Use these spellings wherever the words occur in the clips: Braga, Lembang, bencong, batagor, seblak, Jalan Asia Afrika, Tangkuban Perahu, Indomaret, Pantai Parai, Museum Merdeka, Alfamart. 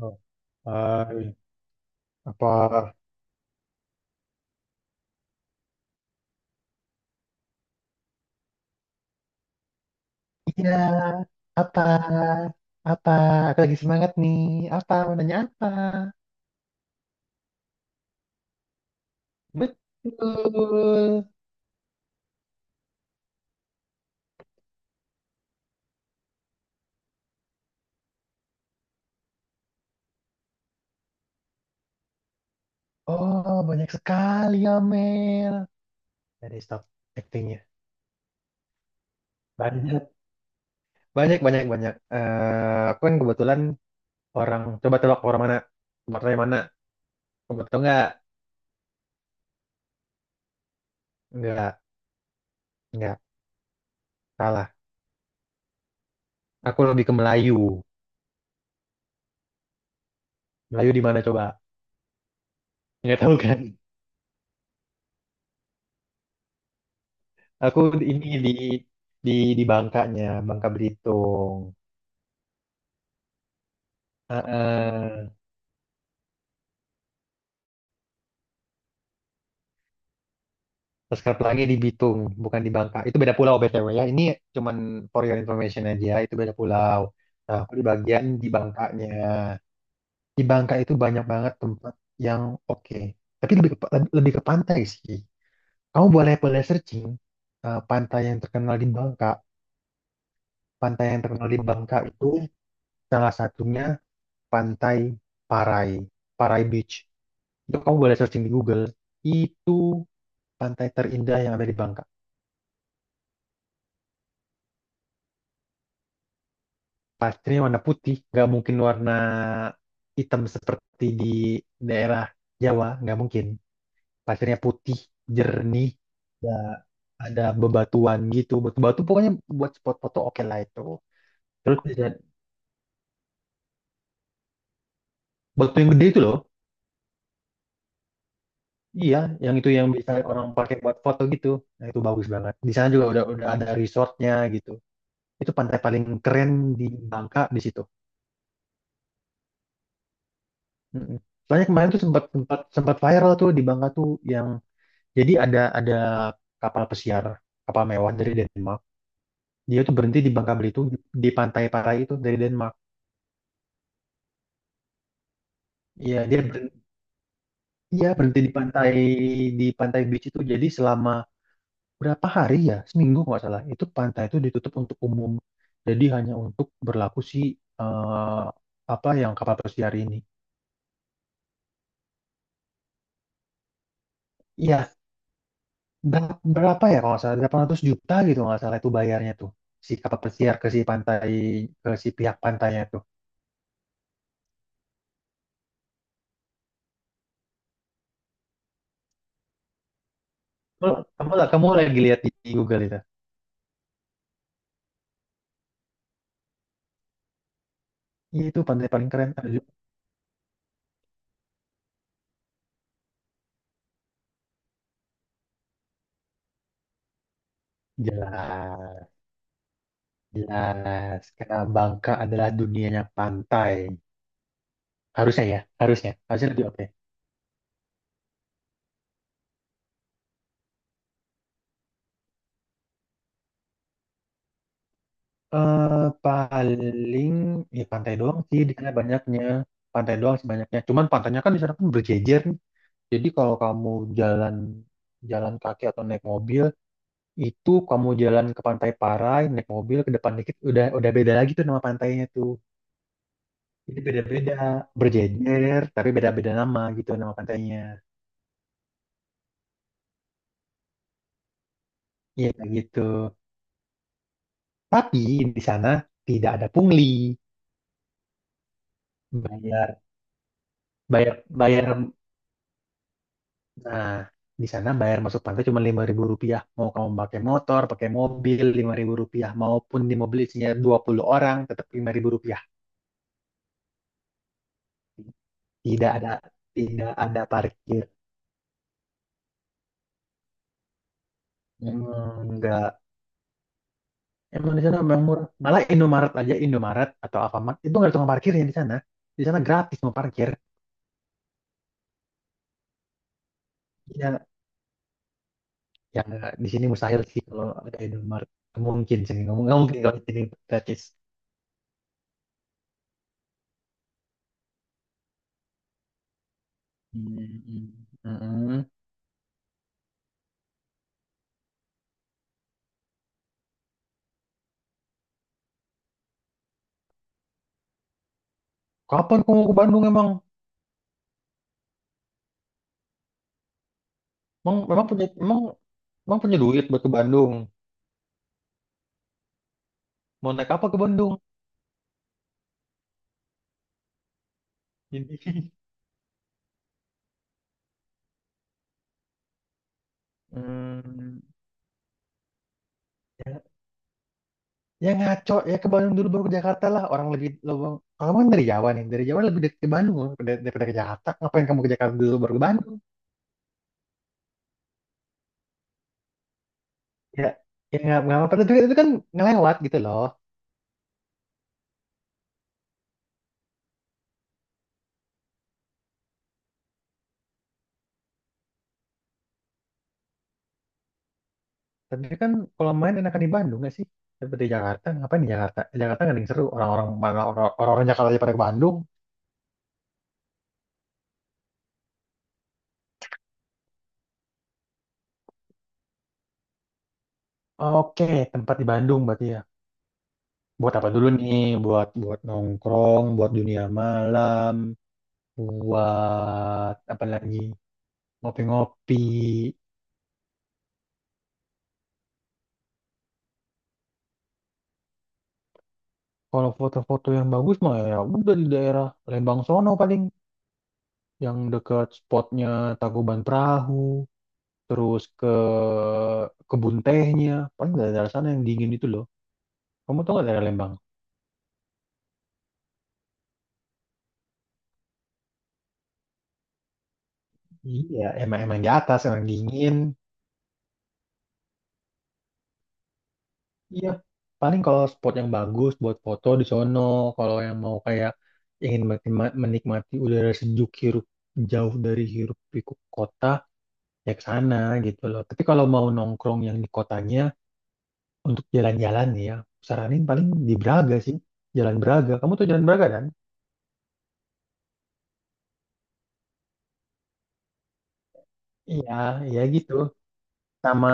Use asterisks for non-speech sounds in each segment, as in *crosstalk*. Oh, hai, apa? Iya, apa? Apa? Aku lagi semangat nih. Apa? Mau nanya apa? Betul. Oh, banyak sekali ya, Mel. Dari stop actingnya. Banyak, banyak, banyak, banyak. Eh, aku kan kebetulan orang, coba tebak orang mana? Warnanya mana? Kamu tau nggak? Nggak, nggak. Salah. Aku lebih ke Melayu. Melayu di mana coba? Nggak tahu kan? Aku ini di di Bangkanya, Bangka Belitung. Heeh. Subscribe lagi di Bitung, bukan di Bangka. Itu beda pulau BTW ya. Ini cuman for your information aja, itu beda pulau. Nah, aku di bagian di Bangkanya. Di Bangka itu banyak banget tempat yang oke. Tapi lebih ke pantai sih. Kamu boleh boleh searching pantai yang terkenal di Bangka. Pantai yang terkenal di Bangka itu salah satunya Pantai Parai, Parai Beach. Itu kamu boleh searching di Google. Itu pantai terindah yang ada di Bangka. Pastinya warna putih, nggak mungkin warna hitam seperti di daerah Jawa, nggak mungkin. Pasirnya putih, jernih, ya ada bebatuan gitu. Batu-batu pokoknya buat spot foto oke lah itu. Terus bisa batu yang gede itu loh. Iya, yang itu yang bisa orang pakai buat foto gitu. Nah, itu bagus banget. Di sana juga udah ada resortnya gitu. Itu pantai paling keren di Bangka di situ. Mm-mm. Soalnya kemarin tuh sempat sempat sempat viral tuh di Bangka tuh yang jadi ada kapal pesiar kapal mewah dari Denmark. Dia tuh berhenti di Bangka Belitung di pantai-pantai itu dari Denmark. Iya dia berhenti, iya berhenti di pantai beach itu. Jadi selama berapa hari ya seminggu kalau nggak salah itu pantai itu ditutup untuk umum. Jadi hanya untuk berlaku si eh, apa yang kapal pesiar ini. Iya, berapa ya kalau nggak salah 800 juta gitu kalau nggak salah itu bayarnya tuh si kapal pesiar ke si pantai ke si pihak pantainya tuh. Kamu kamu, kamu lagi lihat di Google itu. Iya, itu pantai paling keren. Aduh, jelas jelas karena Bangka adalah dunianya pantai, harusnya ya harusnya harusnya lebih oke. Eh paling ya pantai doang sih di sana banyaknya pantai doang sih banyaknya cuman pantainya kan di sana kan berjejer nih jadi kalau kamu jalan jalan kaki atau naik mobil. Itu kamu jalan ke Pantai Parai, naik mobil ke depan dikit, udah beda lagi tuh nama pantainya tuh. Jadi beda-beda, berjejer, tapi beda-beda nama gitu nama pantainya. Iya kayak gitu. Tapi di sana tidak ada pungli. Bayar, bayar, bayar. Nah, di sana bayar masuk pantai cuma Rp5.000. Mau kamu pakai motor, pakai mobil, Rp5.000. Maupun di mobil isinya 20 orang, tetap Rp5.000. Tidak ada, tidak ada parkir. Hmm, enggak. Emang di sana emang murah. Malah Indomaret atau Alfamart itu nggak ada tukang parkir ya di sana. Di sana gratis mau parkir. Ya, ya di sini mustahil sih kalau ada Indomaret. Nggak mungkin sih, nggak mungkin kalau di sini gratis. Hmm. Kapan kamu ke Bandung emang? Emang, memang punya emang emang punya duit buat ke Bandung. Mau naik apa ke Bandung? Ini. *laughs* Hmm. Ya, ya ngaco ya ke Bandung dulu baru ke Jakarta lah. Orang lebih lo kamu kan dari Jawa nih, dari Jawa lebih dekat ke Bandung loh, daripada ke Jakarta. Ngapain kamu ke Jakarta dulu baru ke Bandung? Ya, ya nggak apa-apa. Tapi itu kan ngelewat gitu loh. Tapi kan kalau main enakan di Bandung nggak sih? Daripada di Jakarta, ngapain di Jakarta? Di Jakarta nggak ada yang seru. Orang-orang mana orang-orang Jakarta aja pada ke Bandung. Oke, tempat di Bandung berarti ya. Buat apa dulu nih? Buat buat nongkrong, buat dunia malam, buat apa lagi? Ngopi-ngopi. Kalau foto-foto yang bagus mah ya udah di daerah Lembang sono paling yang dekat spotnya Tangkuban Perahu, terus ke kebun tehnya, paling dari daerah sana yang dingin itu loh. Kamu tau gak daerah Lembang? Iya, emang emang di atas emang dingin. Iya, paling kalau spot yang bagus buat foto di sono. Kalau yang mau kayak ingin menikmati udara sejuk hirup jauh dari hirup pikuk kota ya ke sana gitu loh. Tapi kalau mau nongkrong yang di kotanya. Untuk jalan-jalan nih ya, saranin paling di Braga sih. Jalan Braga. Kamu tuh jalan Braga kan? Iya, iya gitu. Sama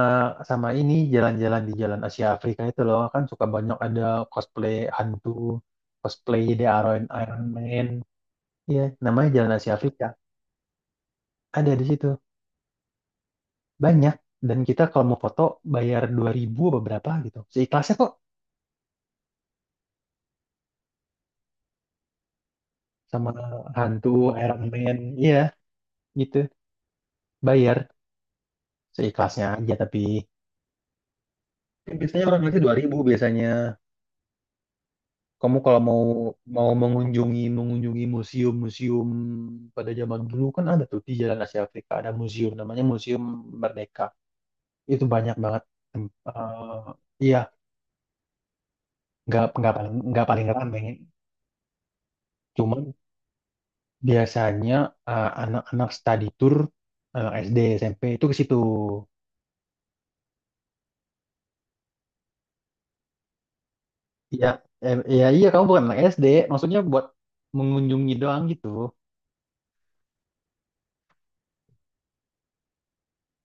sama ini jalan-jalan di Jalan Asia Afrika itu loh kan suka banyak ada cosplay hantu, cosplay The Iron Iron Man. Iya, namanya Jalan Asia Afrika. Ada di situ. Banyak. Dan kita kalau mau foto bayar 2.000 apa berapa gitu. Seikhlasnya kok sama hantu Iron Man. Iya, gitu. Bayar seikhlasnya aja tapi kan biasanya orang ngeliatnya 2.000 biasanya. Kamu kalau mau mau mengunjungi mengunjungi museum-museum pada zaman dulu kan ada tuh di Jalan Asia Afrika ada museum namanya Museum Merdeka. Itu banyak banget tem- eh, iya nggak paling ramai. Cuman biasanya anak-anak study tour anak SD SMP itu ke situ. Iya, iya iya kamu bukan anak SD, maksudnya buat mengunjungi doang gitu.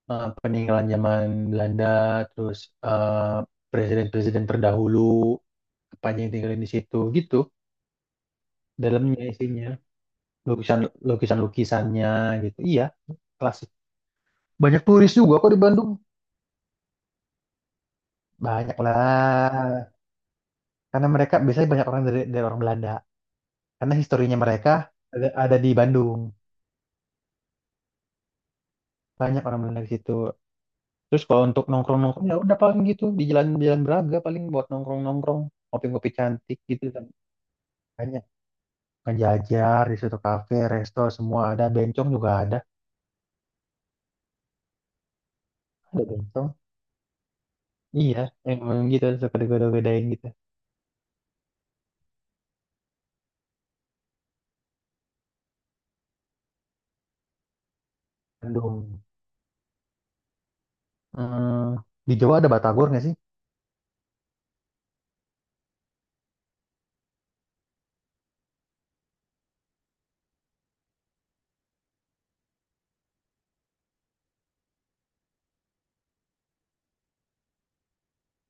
Peninggalan zaman Belanda, terus eh, presiden-presiden terdahulu, apa aja yang tinggalin di situ, gitu. Dalamnya isinya, lukisan lukisan lukisannya, gitu. Iya, klasik. Banyak turis juga kok di Bandung. Banyak lah, karena mereka biasanya banyak orang dari orang Belanda, karena historinya mereka ada di Bandung. Banyak orang Belanda di situ. Terus kalau untuk nongkrong-nongkrong ya udah paling gitu di jalan-jalan Braga paling buat nongkrong-nongkrong, ngopi-ngopi cantik gitu kan. Banyak. Ngejajar di suatu kafe, resto semua ada, bencong juga ada. Ada bencong. Iya, emang gitu suka digoda-godain gitu. Bandung. Hmm, di Jawa ada batagor nggak sih?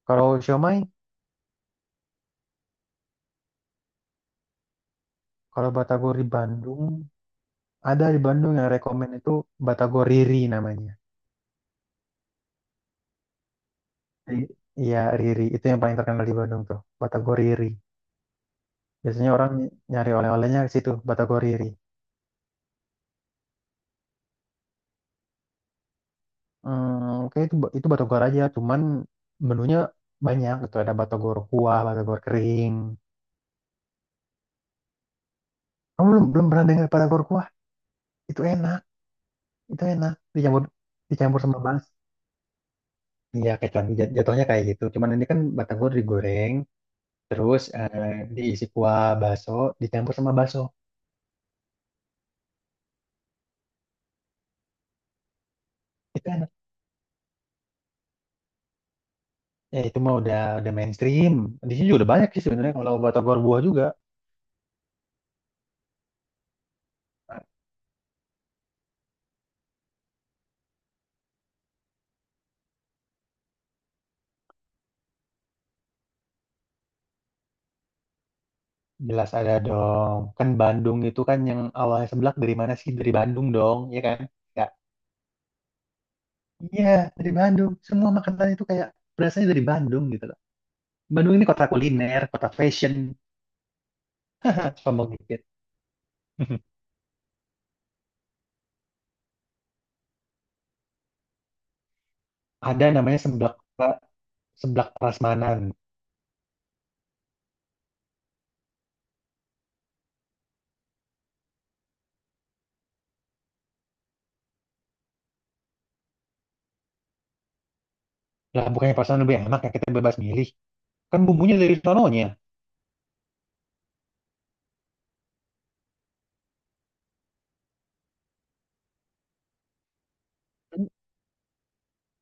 Kalau siomay, kalau batagor di Bandung ada di Bandung yang rekomen itu batagor Riri namanya. Ri- Iya Riri itu yang paling terkenal di Bandung tuh, batagor Riri. Biasanya orang nyari oleh-olehnya ke situ, batagor Riri. Oke itu batagor aja, cuman menunya banyak gitu ada batagor kuah, batagor kering. Kamu belum pernah dengar batagor kuah? Itu enak, itu enak. Dicampur dicampur sama bas. Iya, kayak jatuhnya kayak gitu. Cuman ini kan batagor digoreng, terus diisi kuah bakso, dicampur sama bakso. Itu enak. Ya itu mah udah mainstream. Di sini juga udah banyak sih sebenarnya kalau batagor buah juga. Jelas ada dong. Kan Bandung itu kan yang awalnya seblak dari mana sih? Dari Bandung dong, ya kan? Ya. Iya, dari Bandung. Semua makanan itu kayak berasanya dari Bandung gitu loh. Bandung ini kota kuliner, kota fashion. Sombong dikit. *laughs* Ada namanya seblak prasmanan. Lah bukannya prasmanan lebih enak ya kita bebas milih. Kan bumbunya dari sononya.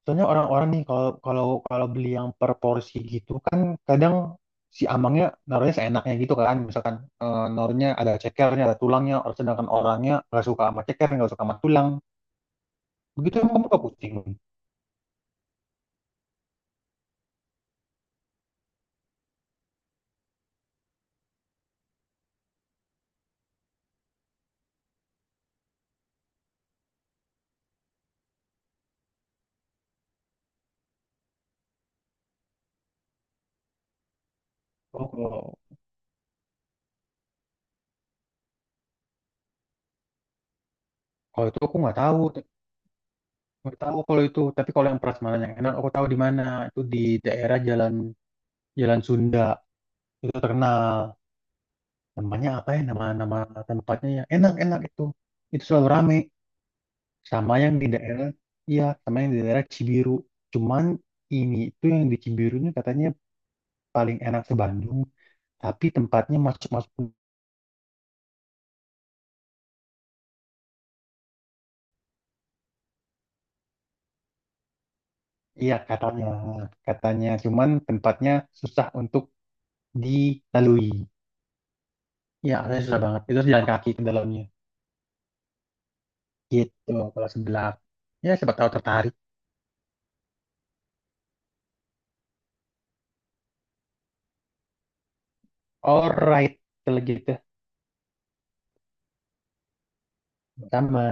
Soalnya orang-orang nih kalau kalau kalau beli yang per porsi gitu kan kadang si amangnya naruhnya seenaknya gitu kan. Misalkan naruhnya ada cekernya, ada tulangnya, sedangkan orangnya nggak suka sama ceker, nggak suka sama tulang. Begitu emang kamu keputing. Oh, kalau kalau itu aku nggak tahu kalau itu. Tapi kalau yang prasmanan yang enak aku tahu di mana. Itu di daerah Jalan Jalan Sunda. Itu terkenal namanya apa ya nama nama tempatnya yang enak-enak itu selalu rame sama yang di daerah iya sama yang di daerah Cibiru cuman ini itu yang di Cibiru ini katanya paling enak se Bandung tapi tempatnya masuk masuk iya katanya katanya cuman tempatnya susah untuk dilalui. Iya katanya susah banget itu harus jalan kaki ke dalamnya gitu kalau sebelah ya siapa tahu tertarik. Alright kalau gitu sama